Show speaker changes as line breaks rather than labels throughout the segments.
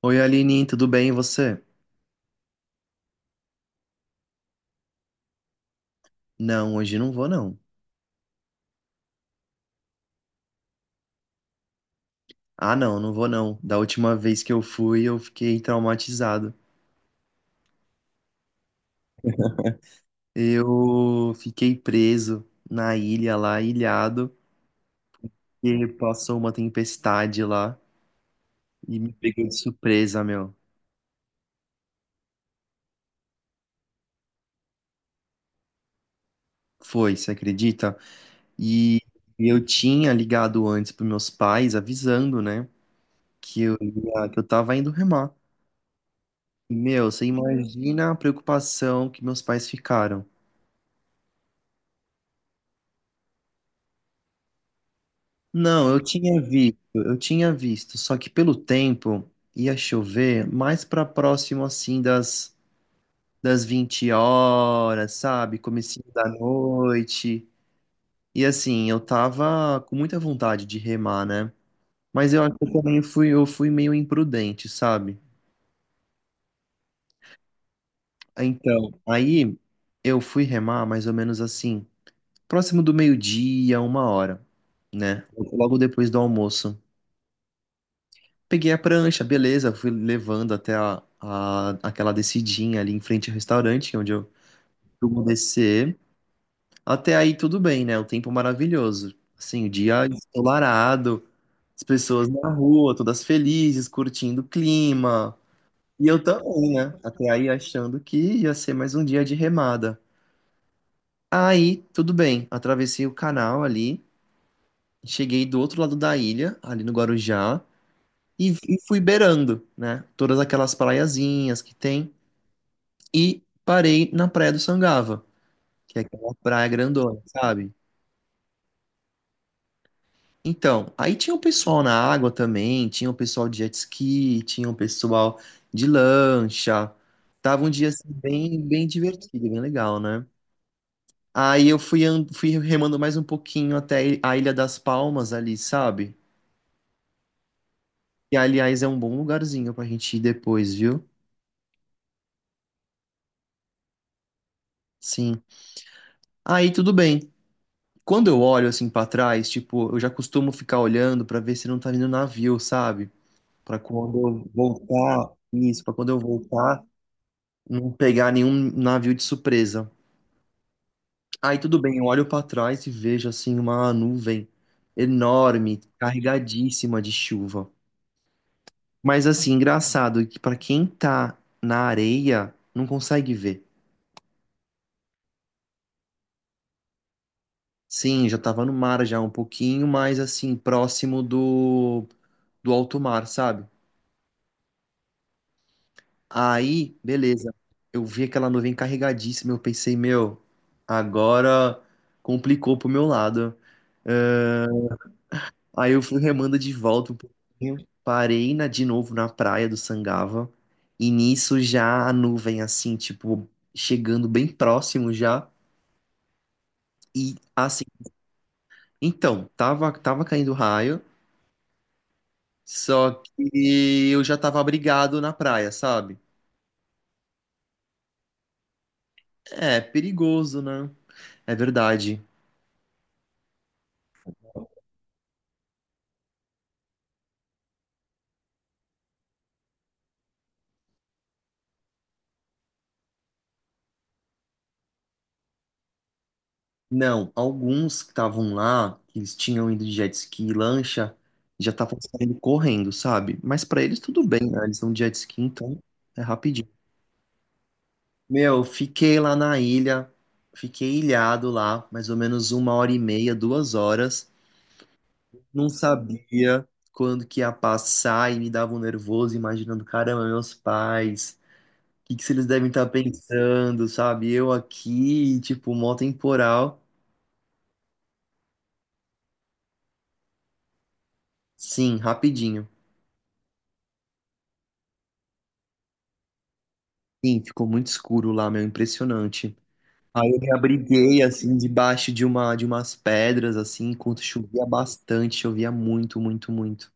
Oi, Aline, tudo bem e você? Não, hoje não vou não. Ah, não, não vou não. Da última vez que eu fui, eu fiquei traumatizado. Eu fiquei preso na ilha lá, ilhado, e passou uma tempestade lá e me pegou de surpresa, meu. Foi, você acredita? E eu tinha ligado antes pros meus pais, avisando, né, que eu tava indo remar. E, meu, você imagina a preocupação que meus pais ficaram. Não, eu tinha visto, só que pelo tempo ia chover mais para próximo assim das 20 horas, sabe? Comecinho da noite. E assim, eu tava com muita vontade de remar, né? Mas eu acho que eu fui meio imprudente, sabe? Então, aí eu fui remar mais ou menos assim, próximo do meio-dia, uma hora, né? Logo depois do almoço. Peguei a prancha, beleza, fui levando até aquela descidinha ali em frente ao restaurante, onde eu vou descer. Até aí tudo bem, né? O tempo maravilhoso. Assim, o dia ensolarado, as pessoas na rua, todas felizes, curtindo o clima. E eu também, né? Até aí achando que ia ser mais um dia de remada. Aí, tudo bem, atravessei o canal ali, cheguei do outro lado da ilha, ali no Guarujá, e fui beirando, né? Todas aquelas praiazinhas que tem. E parei na Praia do Sangava, que é aquela praia grandona, sabe? Então, aí tinha o pessoal na água também, tinha o pessoal de jet ski, tinha o pessoal de lancha. Tava um dia assim, bem, bem divertido, bem legal, né? Aí eu fui, fui remando mais um pouquinho até a Ilha das Palmas ali, sabe? Que, aliás, é um bom lugarzinho pra gente ir depois, viu? Sim. Aí tudo bem. Quando eu olho assim pra trás, tipo, eu já costumo ficar olhando pra ver se não tá vindo navio, sabe? Para quando eu voltar, isso, para quando eu voltar, não pegar nenhum navio de surpresa. Aí tudo bem, eu olho para trás e vejo assim uma nuvem enorme, carregadíssima de chuva. Mas assim, engraçado que para quem tá na areia, não consegue ver. Sim, já tava no mar já um pouquinho, mas assim, próximo do do alto mar, sabe? Aí, beleza. Eu vi aquela nuvem carregadíssima. Eu pensei, meu, agora complicou pro meu lado. Ah, aí eu fui remando de volta um pouquinho. Parei na, de novo na praia do Sangava. E nisso já a nuvem, assim, tipo, chegando bem próximo já. E assim, então, tava caindo raio. Só que eu já tava abrigado na praia, sabe? É, perigoso, né? É verdade. Não, alguns que estavam lá, que eles tinham ido de jet ski e lancha, já estavam saindo correndo, sabe? Mas pra eles tudo bem, né? Eles estão de jet ski, então é rapidinho. Meu, fiquei lá na ilha, fiquei ilhado lá, mais ou menos uma hora e meia, duas horas. Não sabia quando que ia passar e me dava um nervoso, imaginando, caramba, meus pais, o que que se eles devem estar pensando, sabe? Eu aqui, tipo, mó temporal. Sim, rapidinho. Sim, ficou muito escuro lá, meu, impressionante. Aí eu me abriguei, assim, debaixo de uma, de umas pedras, assim, enquanto chovia bastante, chovia muito, muito, muito.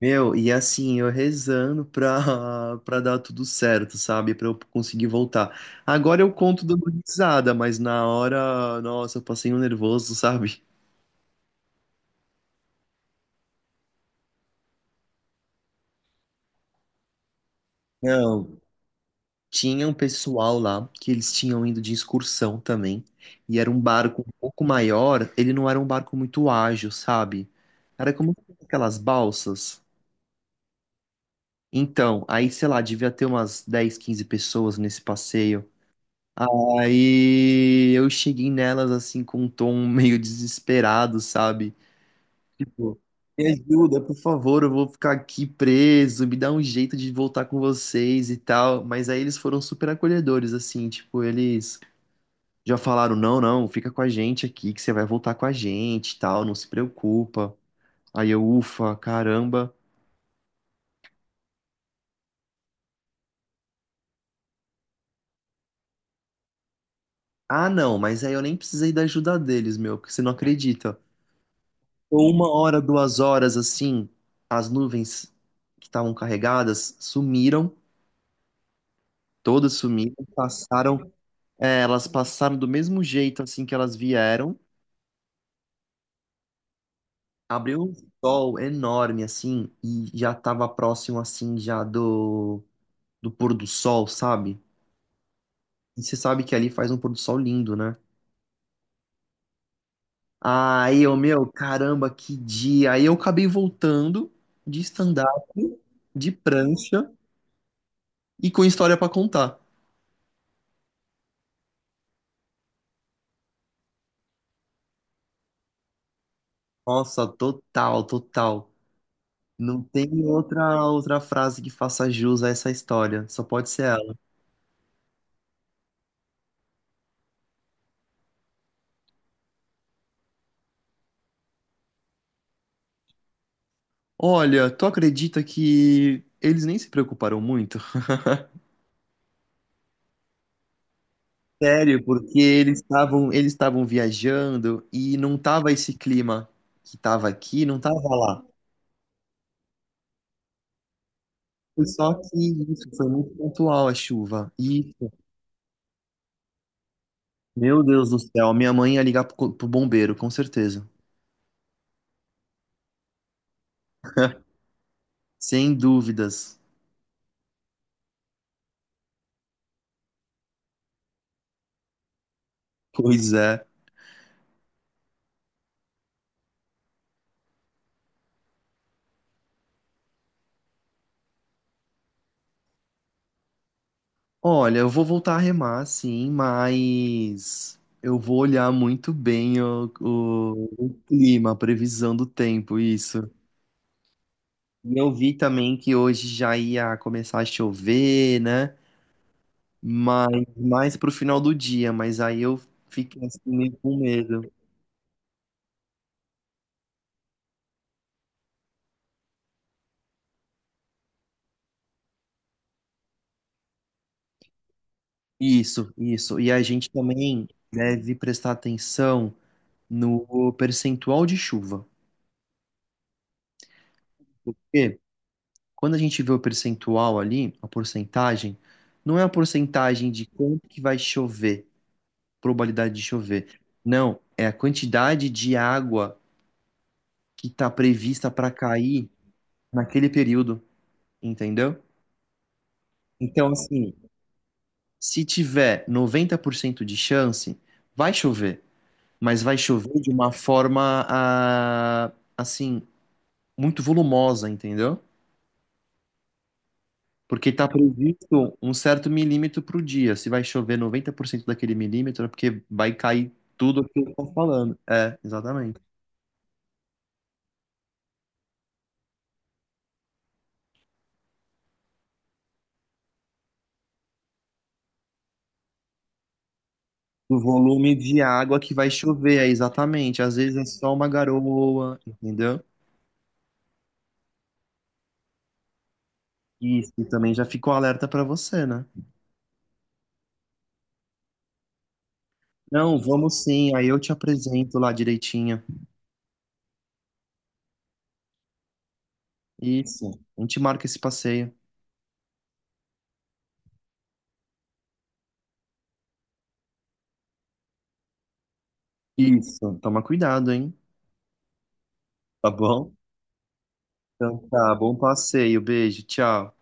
Meu, e assim, eu rezando pra, pra dar tudo certo, sabe? Pra eu conseguir voltar. Agora eu conto dando risada, mas na hora, nossa, eu passei um nervoso, sabe? Não. Tinha um pessoal lá que eles tinham ido de excursão também, e era um barco um pouco maior, ele não era um barco muito ágil, sabe? Era como aquelas balsas. Então, aí, sei lá, devia ter umas 10 15 pessoas nesse passeio. Aí eu cheguei nelas assim com um tom meio desesperado, sabe? Tipo, me ajuda, por favor, eu vou ficar aqui preso, me dá um jeito de voltar com vocês e tal. Mas aí eles foram super acolhedores, assim, tipo, eles já falaram, não, não, fica com a gente aqui, que você vai voltar com a gente, e tal, não se preocupa. Aí eu, ufa, caramba. Ah, não, mas aí eu nem precisei da ajuda deles, meu, porque você não acredita. Ou uma hora, duas horas, assim, as nuvens que estavam carregadas sumiram, todas sumiram, passaram, é, elas passaram do mesmo jeito, assim, que elas vieram. Abriu um sol enorme, assim, e já tava próximo, assim, já do, do pôr do sol, sabe? E você sabe que ali faz um pôr do sol lindo, né? Aí eu, meu, caramba, que dia. Aí eu acabei voltando de stand-up, de prancha e com história pra contar. Nossa, total, total. Não tem outra frase que faça jus a essa história. Só pode ser ela. Olha, tu acredita que eles nem se preocuparam muito? Sério, porque eles estavam viajando e não tava esse clima que tava aqui, não tava lá. Foi só que isso, foi muito pontual a chuva. Isso. Meu Deus do céu, minha mãe ia ligar pro, pro bombeiro, com certeza. Sem dúvidas. Pois é. Olha, eu vou voltar a remar, sim, mas eu vou olhar muito bem o, o clima, a previsão do tempo, isso. E eu vi também que hoje já ia começar a chover, né? Mas mais pro final do dia, mas aí eu fiquei assim meio com medo. Isso, isso. E a gente também deve prestar atenção no percentual de chuva. Porque quando a gente vê o percentual ali, a porcentagem, não é a porcentagem de quanto que vai chover, probabilidade de chover. Não, é a quantidade de água que está prevista para cair naquele período, entendeu? Então, assim, se tiver 90% de chance, vai chover, mas vai chover de uma forma, ah, assim muito volumosa, entendeu? Porque está previsto um certo milímetro pro dia. Se vai chover 90% daquele milímetro, é porque vai cair tudo o que eu estou falando. É, exatamente. O volume de água que vai chover, é exatamente. Às vezes é só uma garoa, entendeu? Isso, e também já ficou alerta para você, né? Não, vamos sim, aí eu te apresento lá direitinho. Isso, a gente marca esse passeio. Isso, toma cuidado, hein? Tá bom? Então tá, bom passeio, beijo, tchau.